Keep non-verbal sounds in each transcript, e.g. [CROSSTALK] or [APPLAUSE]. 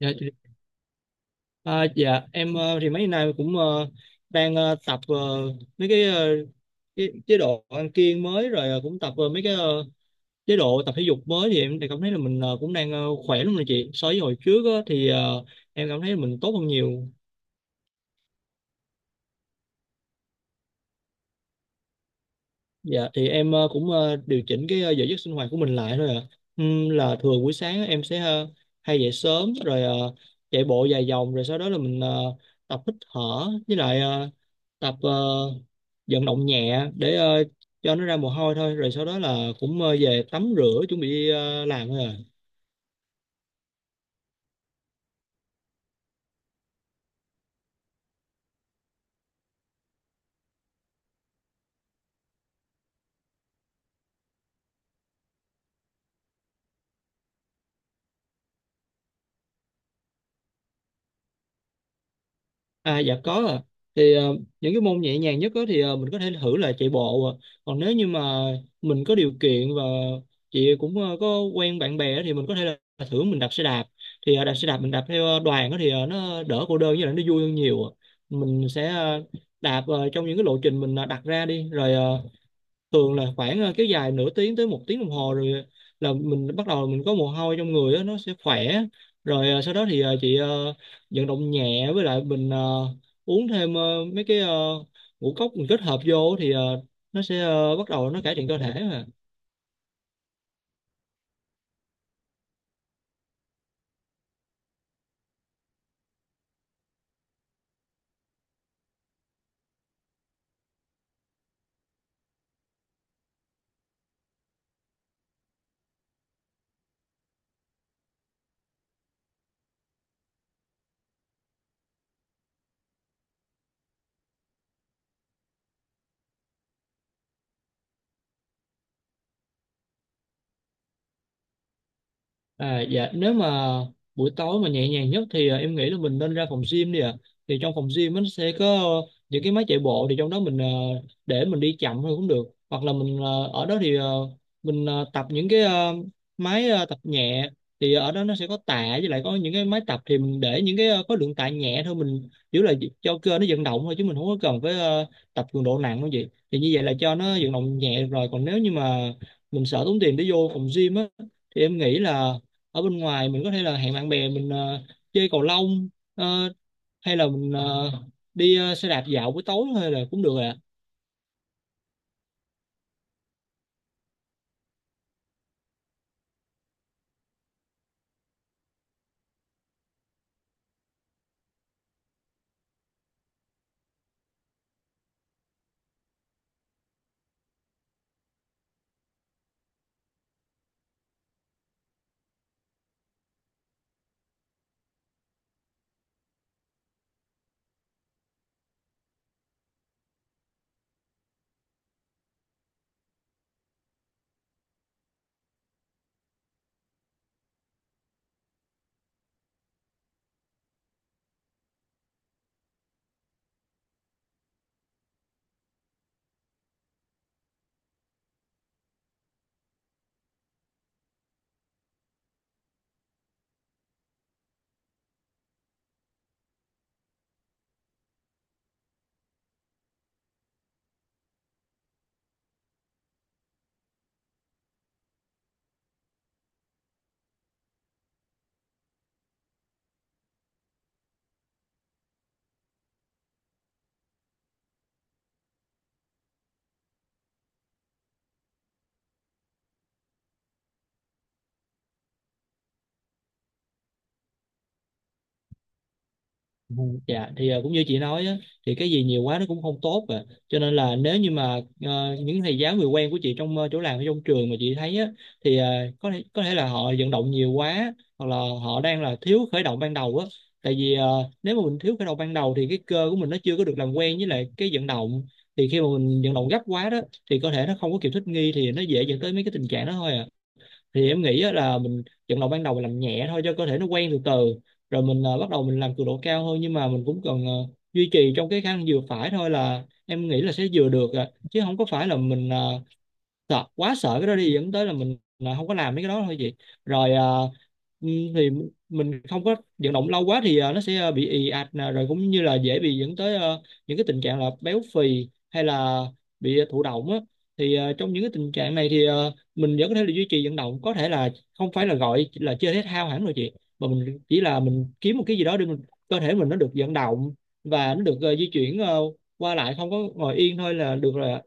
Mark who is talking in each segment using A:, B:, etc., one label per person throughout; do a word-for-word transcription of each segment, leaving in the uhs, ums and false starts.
A: Dạ, chị- à, dạ em ờ, thì mấy nay cũng ờ, đang ờ, tập ờ, mấy cái, ờ, cái chế độ ăn kiêng mới rồi ờ, cũng tập ờ, mấy cái ờ, chế độ tập thể dục mới thì em thì cảm thấy là mình ờ, cũng đang ờ, khỏe lắm rồi chị so với hồi trước á, thì ờ, em cảm thấy mình tốt hơn nhiều. Dạ thì em ờ, cũng ờ, điều chỉnh cái ờ, giờ giấc sinh hoạt của mình lại thôi ạ. Ừm, là thường buổi sáng á, em sẽ ờ, hay dậy sớm rồi ờ, chạy bộ vài vòng, rồi sau đó là mình ờ, tập hít thở với lại ờ, tập ờ, vận động nhẹ để ờ, cho nó ra mồ hôi thôi, rồi sau đó là cũng ờ, về tắm rửa chuẩn bị đi ờ, làm thôi ạ. À, dạ có ạ. Thì ờ, những cái môn nhẹ nhàng nhất đó thì ờ, mình có thể thử là chạy bộ ạ. Còn nếu như mà mình có điều kiện và chị cũng ờ, có quen bạn bè á thì mình có thể là thử mình đạp xe đạp. Thì ờ, đạp xe đạp mình đạp theo ờ, đoàn đó thì ờ, nó đỡ cô đơn với lại nó vui hơn nhiều. ạ. Mình sẽ ờ, đạp ờ, trong những cái lộ trình mình ờ, đặt ra đi, rồi ờ, thường là khoảng ờ, kéo dài nửa tiếng tới một tiếng đồng hồ, rồi là mình bắt đầu mình có mồ hôi trong người á, nó sẽ khỏe. Rồi ờ, sau đó thì ờ, chị ờ, vận động nhẹ với lại mình ờ, uống thêm ờ, mấy cái ờ, ngũ cốc mình kết hợp vô thì ờ, nó sẽ ờ, bắt đầu nó cải thiện cơ thể. À, dạ nếu mà buổi tối mà nhẹ nhàng nhất thì à, em nghĩ là mình nên ra phòng gym đi ạ. Thì trong phòng gym nó sẽ có ờ, những cái máy chạy bộ, thì trong đó mình ờ, để mình đi chậm thôi cũng được, hoặc là mình ờ, ở đó thì ờ, mình ờ, tập những cái ờ, máy ờ, tập nhẹ. Thì ở đó nó sẽ có tạ với lại có những cái máy tập, thì mình để những cái ờ, khối lượng tạ nhẹ thôi, mình chỉ là cho cơ nó vận động thôi chứ mình không có cần phải ờ, tập cường độ nặng không gì, thì như vậy là cho nó vận động nhẹ rồi. Còn nếu như mà mình sợ tốn tiền để vô phòng gym á thì em nghĩ là ở bên ngoài mình có thể là hẹn bạn bè mình ờ, chơi cầu lông, ờ, hay là mình ờ, đi ờ, xe đạp dạo buổi tối hay là cũng được ạ. Ừ. Dạ thì ờ, cũng như chị nói á, thì cái gì nhiều quá nó cũng không tốt à. Cho nên là nếu như mà ờ, những thầy giáo người quen của chị trong ờ, chỗ làm hay trong trường mà chị thấy á thì ờ, có thể có thể là họ vận động nhiều quá, hoặc là họ đang là thiếu khởi động ban đầu á. Tại vì ờ, nếu mà mình thiếu khởi động ban đầu thì cái cơ của mình nó chưa có được làm quen với lại cái vận động, thì khi mà mình vận động gấp quá đó thì cơ thể nó không có kịp thích nghi, thì nó dễ dẫn tới mấy cái tình trạng đó thôi à. Thì em nghĩ á là mình trận đầu ban đầu mình làm nhẹ thôi cho cơ thể nó quen từ từ, rồi mình ờ, bắt đầu mình làm cường độ cao hơn, nhưng mà mình cũng cần ờ, duy trì trong cái khả năng vừa phải thôi là em nghĩ là sẽ vừa được à. Chứ không có phải là mình ờ, sợ quá sợ cái đó đi dẫn tới là mình là không có làm mấy cái đó thôi chị. Rồi. À, ừ, thì mình không có vận động lâu quá thì à, nó sẽ à, bị ì ạch nè, rồi cũng như là dễ bị dẫn tới à, những cái tình trạng là béo phì hay là bị à, thụ động á. Thì à, trong những cái tình trạng này thì à, mình vẫn có thể là duy trì vận động, có thể là không phải là gọi là chơi thể thao hẳn rồi chị, mà mình chỉ là mình kiếm một cái gì đó để mình cơ thể mình nó được vận động và nó được ờ, di chuyển ờ, qua lại, không có ngồi yên thôi là được rồi ạ.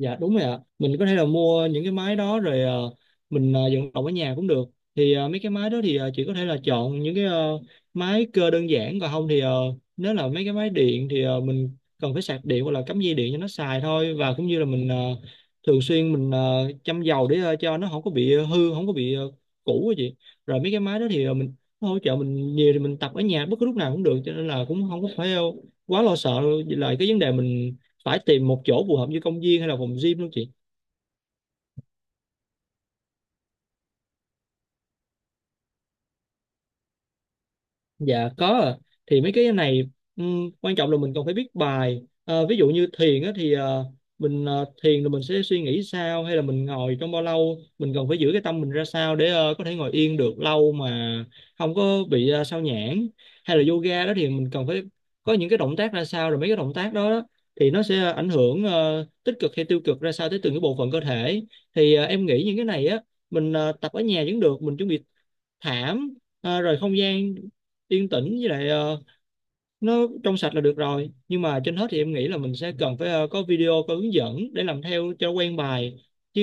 A: Dạ đúng rồi ạ. Mình có thể là mua những cái máy đó rồi ờ, mình ờ, vận động ở nhà cũng được. Thì ờ, mấy cái máy đó thì ờ, chị có thể là chọn những cái ờ, máy cơ đơn giản, còn không thì ờ, nếu là mấy cái máy điện thì ờ, mình cần phải sạc điện hoặc là cắm dây điện cho nó xài thôi, và cũng như là mình ờ, thường xuyên mình ờ, châm dầu để ờ, cho nó không có bị ờ, hư, không có bị ờ, cũ á chị. Rồi mấy cái máy đó thì ờ, mình nó hỗ trợ mình nhiều, thì mình tập ở nhà bất cứ lúc nào cũng được, cho nên là cũng không có phải ờ, quá lo sợ lại cái vấn đề mình phải tìm một chỗ phù hợp như công viên hay là phòng gym luôn chị. Dạ có ạ. Thì mấy cái này ừm, quan trọng là mình còn phải biết bài. Ờ, ví dụ như thiền á, thì ờ, mình ờ, thiền là mình sẽ suy nghĩ sao, hay là mình ngồi trong bao lâu, mình cần phải giữ cái tâm mình ra sao để ờ, có thể ngồi yên được lâu mà không có bị ờ, sao nhãng. Hay là yoga đó thì mình cần phải có những cái động tác ra sao, rồi mấy cái động tác đó, đó thì nó sẽ ảnh hưởng ờ, tích cực hay tiêu cực ra sao tới từng cái bộ phận cơ thể. Thì ờ, em nghĩ những cái này á, mình ờ, tập ở nhà vẫn được. Mình chuẩn bị thảm, à, rồi không gian yên tĩnh với lại ờ, nó trong sạch là được rồi. Nhưng mà trên hết thì em nghĩ là mình sẽ cần phải ờ, có video có hướng dẫn để làm theo cho quen bài, chứ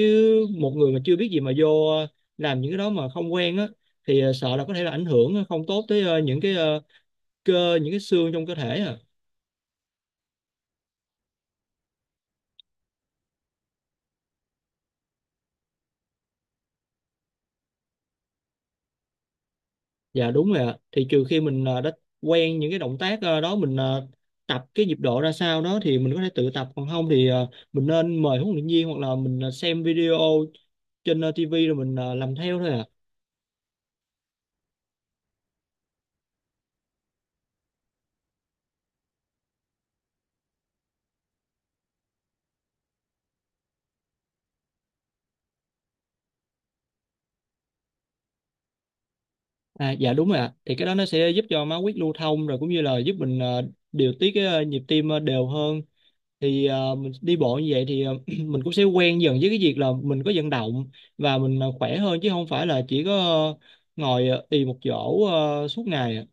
A: một người mà chưa biết gì mà vô ờ, làm những cái đó mà không quen á thì ờ, sợ là có thể là ảnh hưởng không tốt tới ờ, những cái ờ, cơ, những cái xương trong cơ thể à. Dạ đúng rồi ạ. Thì trừ khi mình ờ, đã quen những cái động tác ờ, đó, mình ờ, tập cái nhịp độ ra sao đó thì mình có thể tự tập, còn không thì ờ, mình nên mời huấn luyện viên, hoặc là mình ờ, xem video trên ờ, ti vi rồi mình ờ, làm theo thôi ạ. À, dạ đúng rồi ạ. Thì cái đó nó sẽ giúp cho máu huyết lưu thông, rồi cũng như là giúp mình ờ, điều tiết cái ờ, nhịp tim ờ, đều hơn. Thì ờ, mình đi bộ như vậy thì ờ, [CLEARS THROAT] mình cũng sẽ quen dần với cái việc là mình có vận động và mình ờ, khỏe hơn, chứ không phải là chỉ có ờ, ngồi ờ, ì một chỗ ờ, suốt ngày ạ.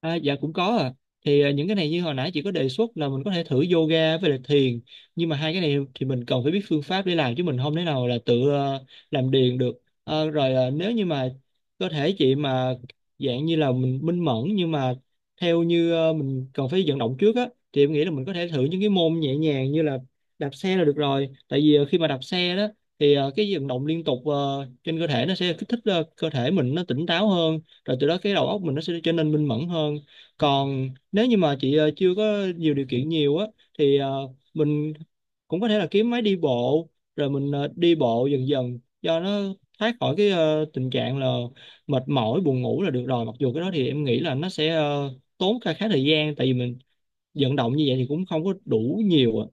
A: À, dạ cũng có à. Thì à, những cái này như hồi nãy chị có đề xuất là mình có thể thử yoga với lại thiền. Nhưng mà hai cái này thì mình cần phải biết phương pháp để làm, chứ mình không thể nào là tự ờ, làm điền được. Ờ, rồi ờ, nếu như mà cơ thể chị mà dạng như là mình minh mẫn, nhưng mà theo như ờ, mình cần phải vận động trước á thì em nghĩ là mình có thể thử những cái môn nhẹ nhàng như là đạp xe là được rồi. Tại vì ờ, khi mà đạp xe đó thì ờ, cái vận động liên tục ờ, trên cơ thể nó sẽ kích thích ờ, cơ thể mình nó tỉnh táo hơn, rồi từ đó cái đầu óc mình nó sẽ trở nên minh mẫn hơn. Còn nếu như mà chị ờ, chưa có nhiều điều kiện nhiều á thì ờ, mình cũng có thể là kiếm máy đi bộ, rồi mình ờ, đi bộ dần dần cho nó thoát khỏi cái ờ, tình trạng là mệt mỏi buồn ngủ là được rồi, mặc dù cái đó thì em nghĩ là nó sẽ ờ, tốn khá khá thời gian, tại vì mình vận động như vậy thì cũng không có đủ nhiều ạ.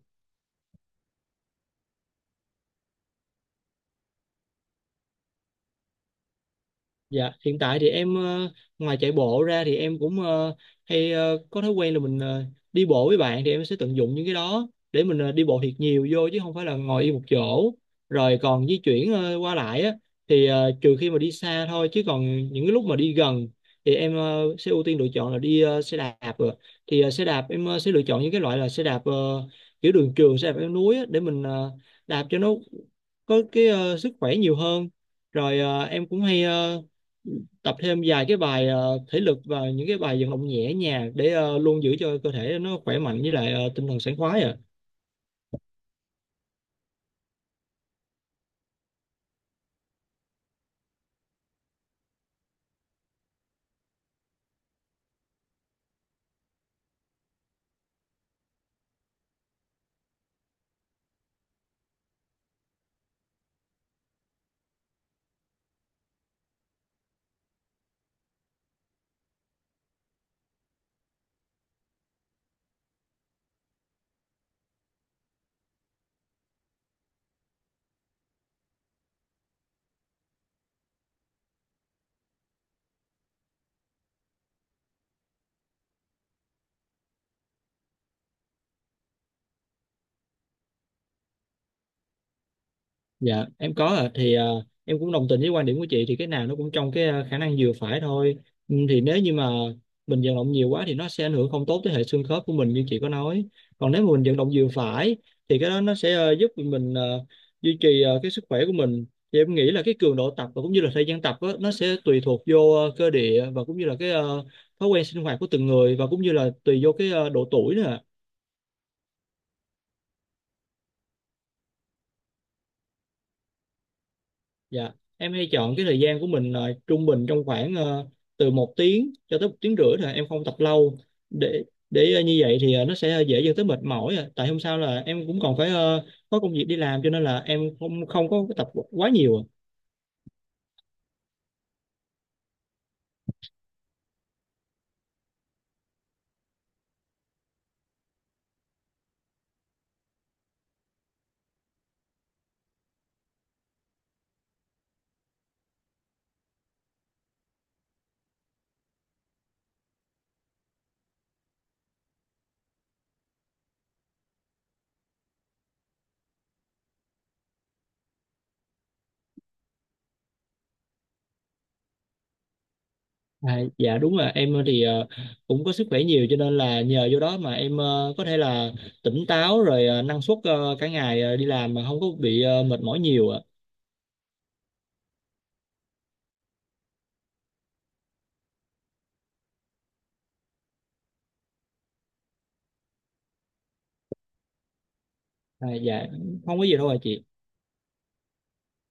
A: Dạ, hiện tại thì em ờ, ngoài chạy bộ ra thì em cũng ờ, hay ờ, có thói quen là mình ờ, đi bộ với bạn, thì em sẽ tận dụng những cái đó để mình ờ, đi bộ thiệt nhiều vô, chứ không phải là ngồi yên một chỗ. Rồi còn di chuyển ờ, qua lại á, thì ờ, trừ khi mà đi xa thôi, chứ còn những cái lúc mà đi gần thì em ờ, sẽ ưu tiên lựa chọn là đi ờ, xe đạp rồi. Thì ờ, xe đạp em ờ, sẽ lựa chọn những cái loại là xe đạp ờ, kiểu đường trường, xe đạp leo núi á, để mình ờ, đạp cho nó có cái ờ, sức khỏe nhiều hơn. Rồi ờ, em cũng hay ờ, tập thêm vài cái bài ờ, thể lực và những cái bài vận động nhẹ nhàng để ờ, luôn giữ cho cơ thể nó khỏe mạnh với lại ờ, tinh thần sảng khoái à. Dạ em có ạ. Thì à, em cũng đồng tình với quan điểm của chị, thì cái nào nó cũng trong cái à, khả năng vừa phải thôi. Ừ, thì nếu như mà mình vận động nhiều quá thì nó sẽ ảnh hưởng không tốt tới hệ xương khớp của mình như chị có nói. Còn nếu mà mình vận động vừa phải thì cái đó nó sẽ ờ, giúp mình ờ, duy trì ờ, cái sức khỏe của mình. Thì em nghĩ là cái cường độ tập và cũng như là thời gian tập á, nó sẽ tùy thuộc vô ờ, cơ địa và cũng như là cái ờ, thói quen sinh hoạt của từng người, và cũng như là tùy vô cái ờ, độ tuổi nữa ạ. Dạ, em hay chọn cái thời gian của mình là trung bình trong khoảng ờ, từ một tiếng cho tới một tiếng rưỡi thôi, em không tập lâu để để ờ, như vậy thì ờ, nó sẽ dễ dẫn tới mệt mỏi. à. Tại hôm sau là em cũng còn phải ờ, có công việc đi làm, cho nên là em không không có tập quá nhiều. à. À, dạ đúng là em ờ, thì ờ, cũng có sức khỏe nhiều, cho nên là nhờ vô đó mà em ờ, có thể là tỉnh táo, rồi ờ, năng suất ờ, cả ngày ờ, đi làm mà không có bị ờ, mệt mỏi nhiều. À. À, dạ không có gì đâu à chị.